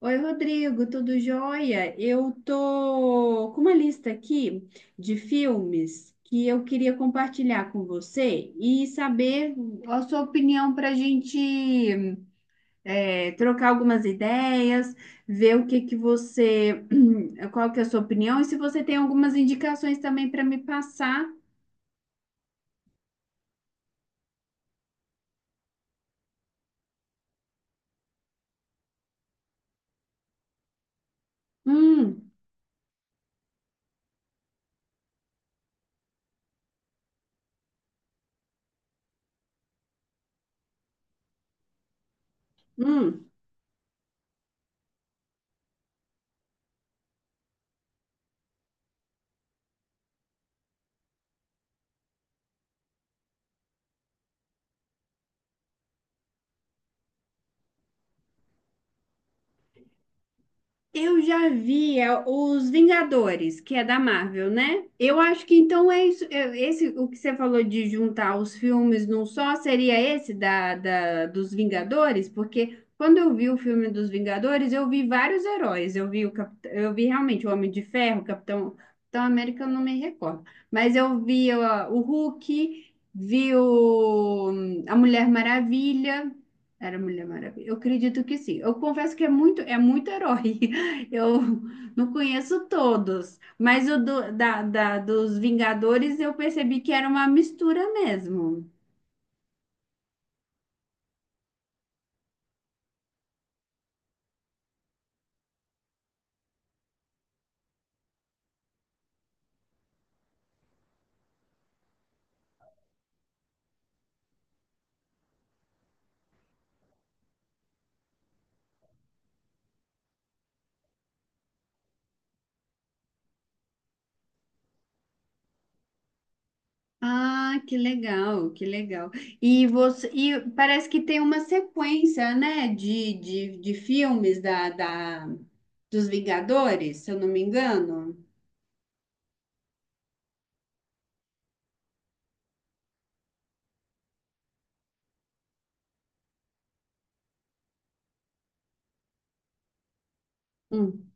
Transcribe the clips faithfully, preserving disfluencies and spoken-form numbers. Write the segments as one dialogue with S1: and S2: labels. S1: Oi, Rodrigo, tudo jóia? Eu tô com uma lista aqui de filmes que eu queria compartilhar com você e saber a sua opinião para a gente é, trocar algumas ideias, ver, o que que você, qual que é a sua opinião e se você tem algumas indicações também para me passar. Hum, hum. Eu já vi é, os Vingadores, que é da Marvel, né? Eu acho que então é isso. é, esse, o que você falou de juntar os filmes num só, seria esse da, da- dos Vingadores? Porque quando eu vi o filme dos Vingadores, eu vi vários heróis. Eu vi o Cap- eu vi realmente o Homem de Ferro, o Capitão, Capitão América, eu não me recordo. Mas eu vi ó, o Hulk, vi, o, a Mulher Maravilha. Era Mulher Maravilha. Eu acredito que sim. Eu confesso que é muito, é muito herói. Eu não conheço todos, mas o do- da, da- dos Vingadores eu percebi que era uma mistura mesmo. Ah, que legal, que legal. E você, e parece que tem uma sequência, né, de, de, de filmes, da, da, dos Vingadores, se eu não me engano. Hum.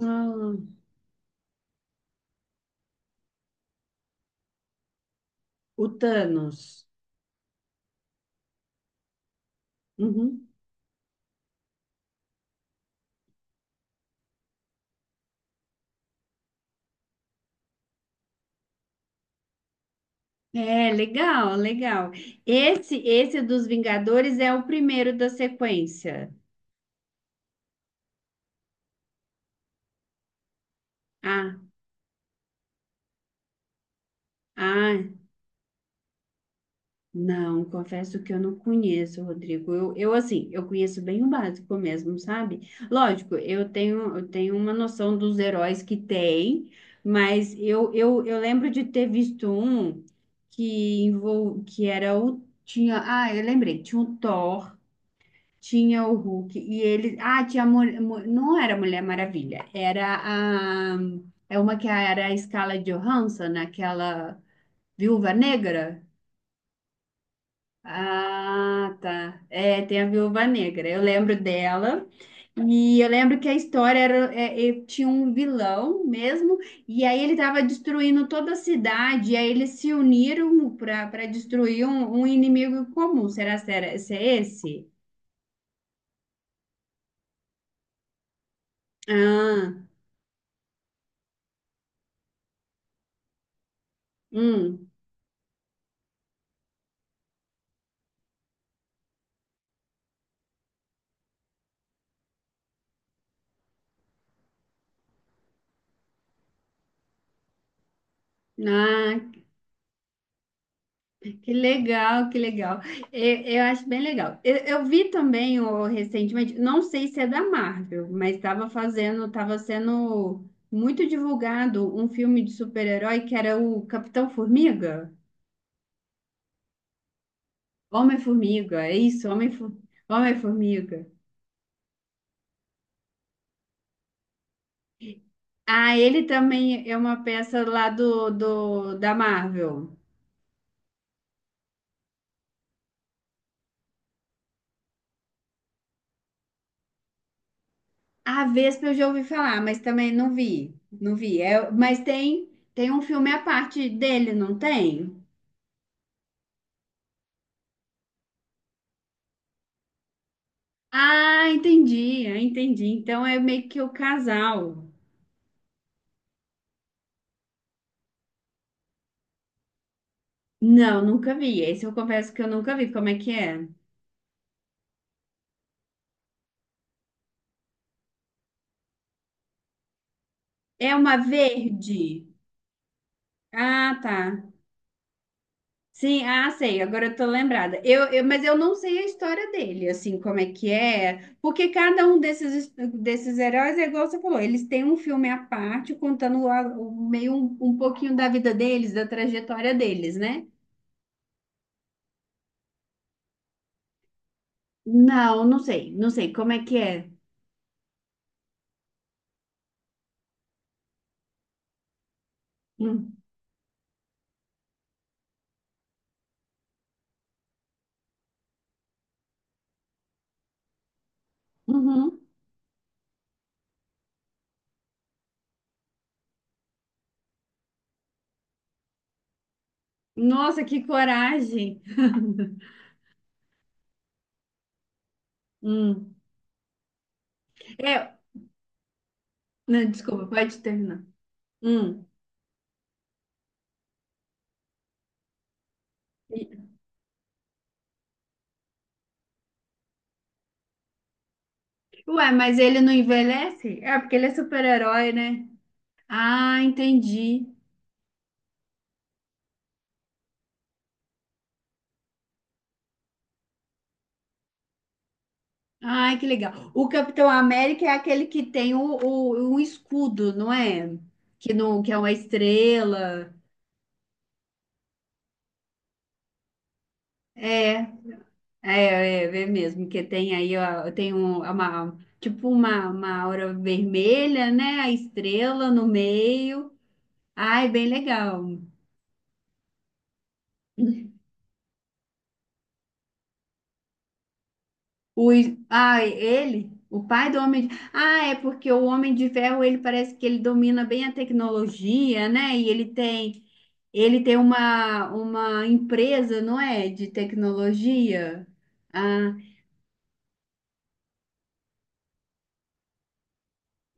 S1: Ah, o Thanos. Uhum. É, legal, legal. Esse, esse dos Vingadores é o primeiro da sequência. Ah, ah. Não, confesso que eu não conheço, Rodrigo. Eu, eu assim, eu conheço bem o básico mesmo, sabe? Lógico, eu tenho, eu tenho uma noção dos heróis que tem, mas eu, eu, eu lembro de ter visto um que, envol... que era o. Tinha, ah, eu lembrei, tinha o Thor, tinha o Hulk, e ele. Ah, tinha a mulher. Não era a Mulher Maravilha, era a. É uma que era a Scarlett Johansson, aquela Viúva Negra. Ah, tá. É, tem a Viúva Negra. Eu lembro dela. E eu lembro que a história era, é, é, tinha um vilão mesmo, e aí ele estava destruindo toda a cidade, e aí eles se uniram para para destruir um, um inimigo comum. Será que era, se é esse? Ah, hum. Ah, que legal, que legal. Eu, eu acho bem legal. Eu, eu vi também, o, recentemente, não sei se é da Marvel, mas estava fazendo, estava sendo muito divulgado um filme de super-herói que era o Capitão Formiga. Homem-Formiga, é isso, Homem-Formiga. Homem-Formiga. Ah, ele também é uma peça lá do, do da Marvel. A Vespa eu já ouvi falar, mas também não vi. Não vi. É, mas tem, tem um filme à parte dele, não tem? Ah, entendi, ah, entendi. Então é meio que o casal. Não, nunca vi. Esse eu confesso que eu nunca vi. Como é que é? É uma verde. Ah, tá. Sim, ah, sei. Agora eu tô lembrada. Eu, eu, mas eu não sei a história dele, assim, como é que é. Porque cada um desses, desses heróis é igual você falou. Eles têm um filme à parte contando, a- o- meio, um, um pouquinho da vida deles, da trajetória deles, né? Não, não sei. Não sei como é que é. Hum. Uhum. Nossa, que coragem! Hum. É, não, desculpa, pode terminar. Hum. E- Ué, mas ele não envelhece? É porque ele é super-herói, né? Ah, entendi. Ai, que legal. O Capitão América é aquele que tem o, o, o escudo, não é? Que, não, que é uma estrela. É, é, é, é mesmo, que tem aí, ó, tem um, uma, tipo uma, uma aura vermelha, né? A estrela no meio. Ai, bem legal. O, ah, ele, o pai do homem. de- Ah, é porque o Homem de Ferro, ele parece que ele domina bem a tecnologia, né? E ele tem, ele tem uma, uma empresa, não é? De tecnologia. Ah,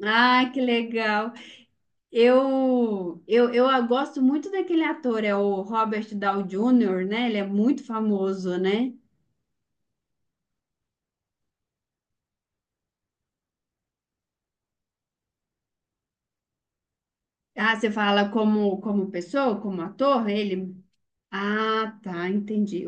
S1: ah, que legal. Eu, eu, eu gosto muito daquele ator, é o Robert Downey júnior, né? Ele é muito famoso, né? Ah, você fala como, como pessoa, como ator, ele. Ah, tá, entendi.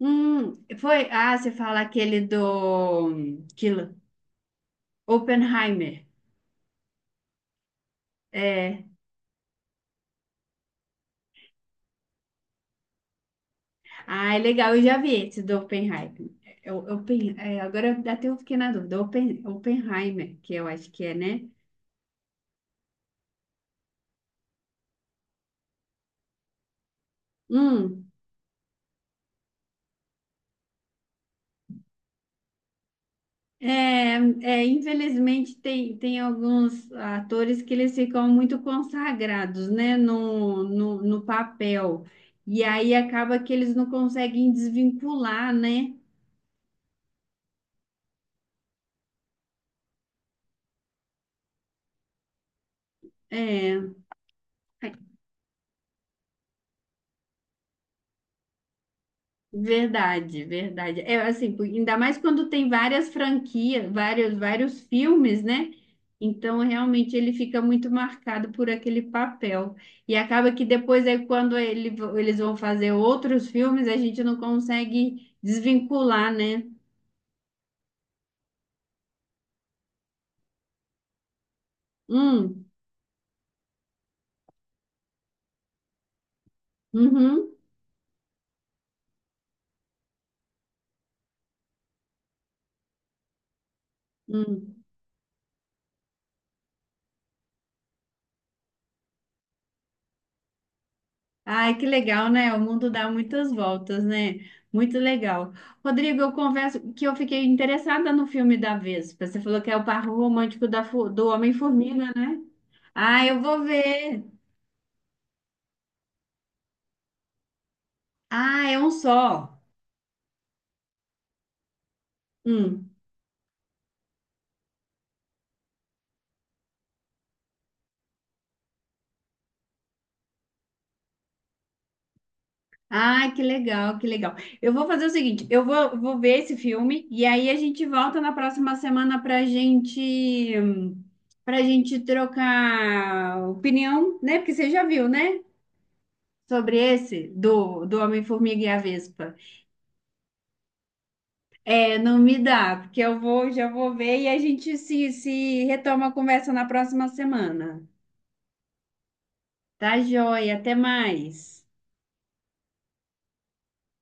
S1: Hum, foi. Ah, você fala aquele do. Que, Oppenheimer. É. Ah, é legal, eu já vi esse do Oppenheimer. É, o- Oppen, é, agora eu até eu fiquei na dúvida. Oppen, Oppenheimer, que eu acho que é, né? Hum, é, é, infelizmente tem, tem alguns atores que eles ficam muito consagrados, né? No, no, no papel. E aí acaba que eles não conseguem desvincular, né? É. Verdade, verdade. É assim, por- ainda mais quando tem várias franquias, vários, vários filmes, né? Então, realmente, ele fica muito marcado por aquele papel. E acaba que depois, aí, quando ele, eles vão fazer outros filmes, a gente não consegue desvincular, né? Hum, uhum, hum. Ai, que legal, né? O mundo dá muitas voltas, né? Muito legal. Rodrigo, eu confesso que eu fiquei interessada no filme da Vespa. Você falou que é o par romântico da, fu- do Homem-Formiga, né? Ah, eu vou ver. Ah, é um só. Hum. Ai, que legal, que legal. Eu vou fazer o seguinte, eu vou, vou ver esse filme e aí a gente volta na próxima semana para gente, para gente trocar opinião, né? Porque você já viu, né? Sobre esse do, do Homem-Formiga e a Vespa. É, não me dá, porque eu vou, já vou ver e a gente se, se retoma a conversa na próxima semana. Tá joia, até mais.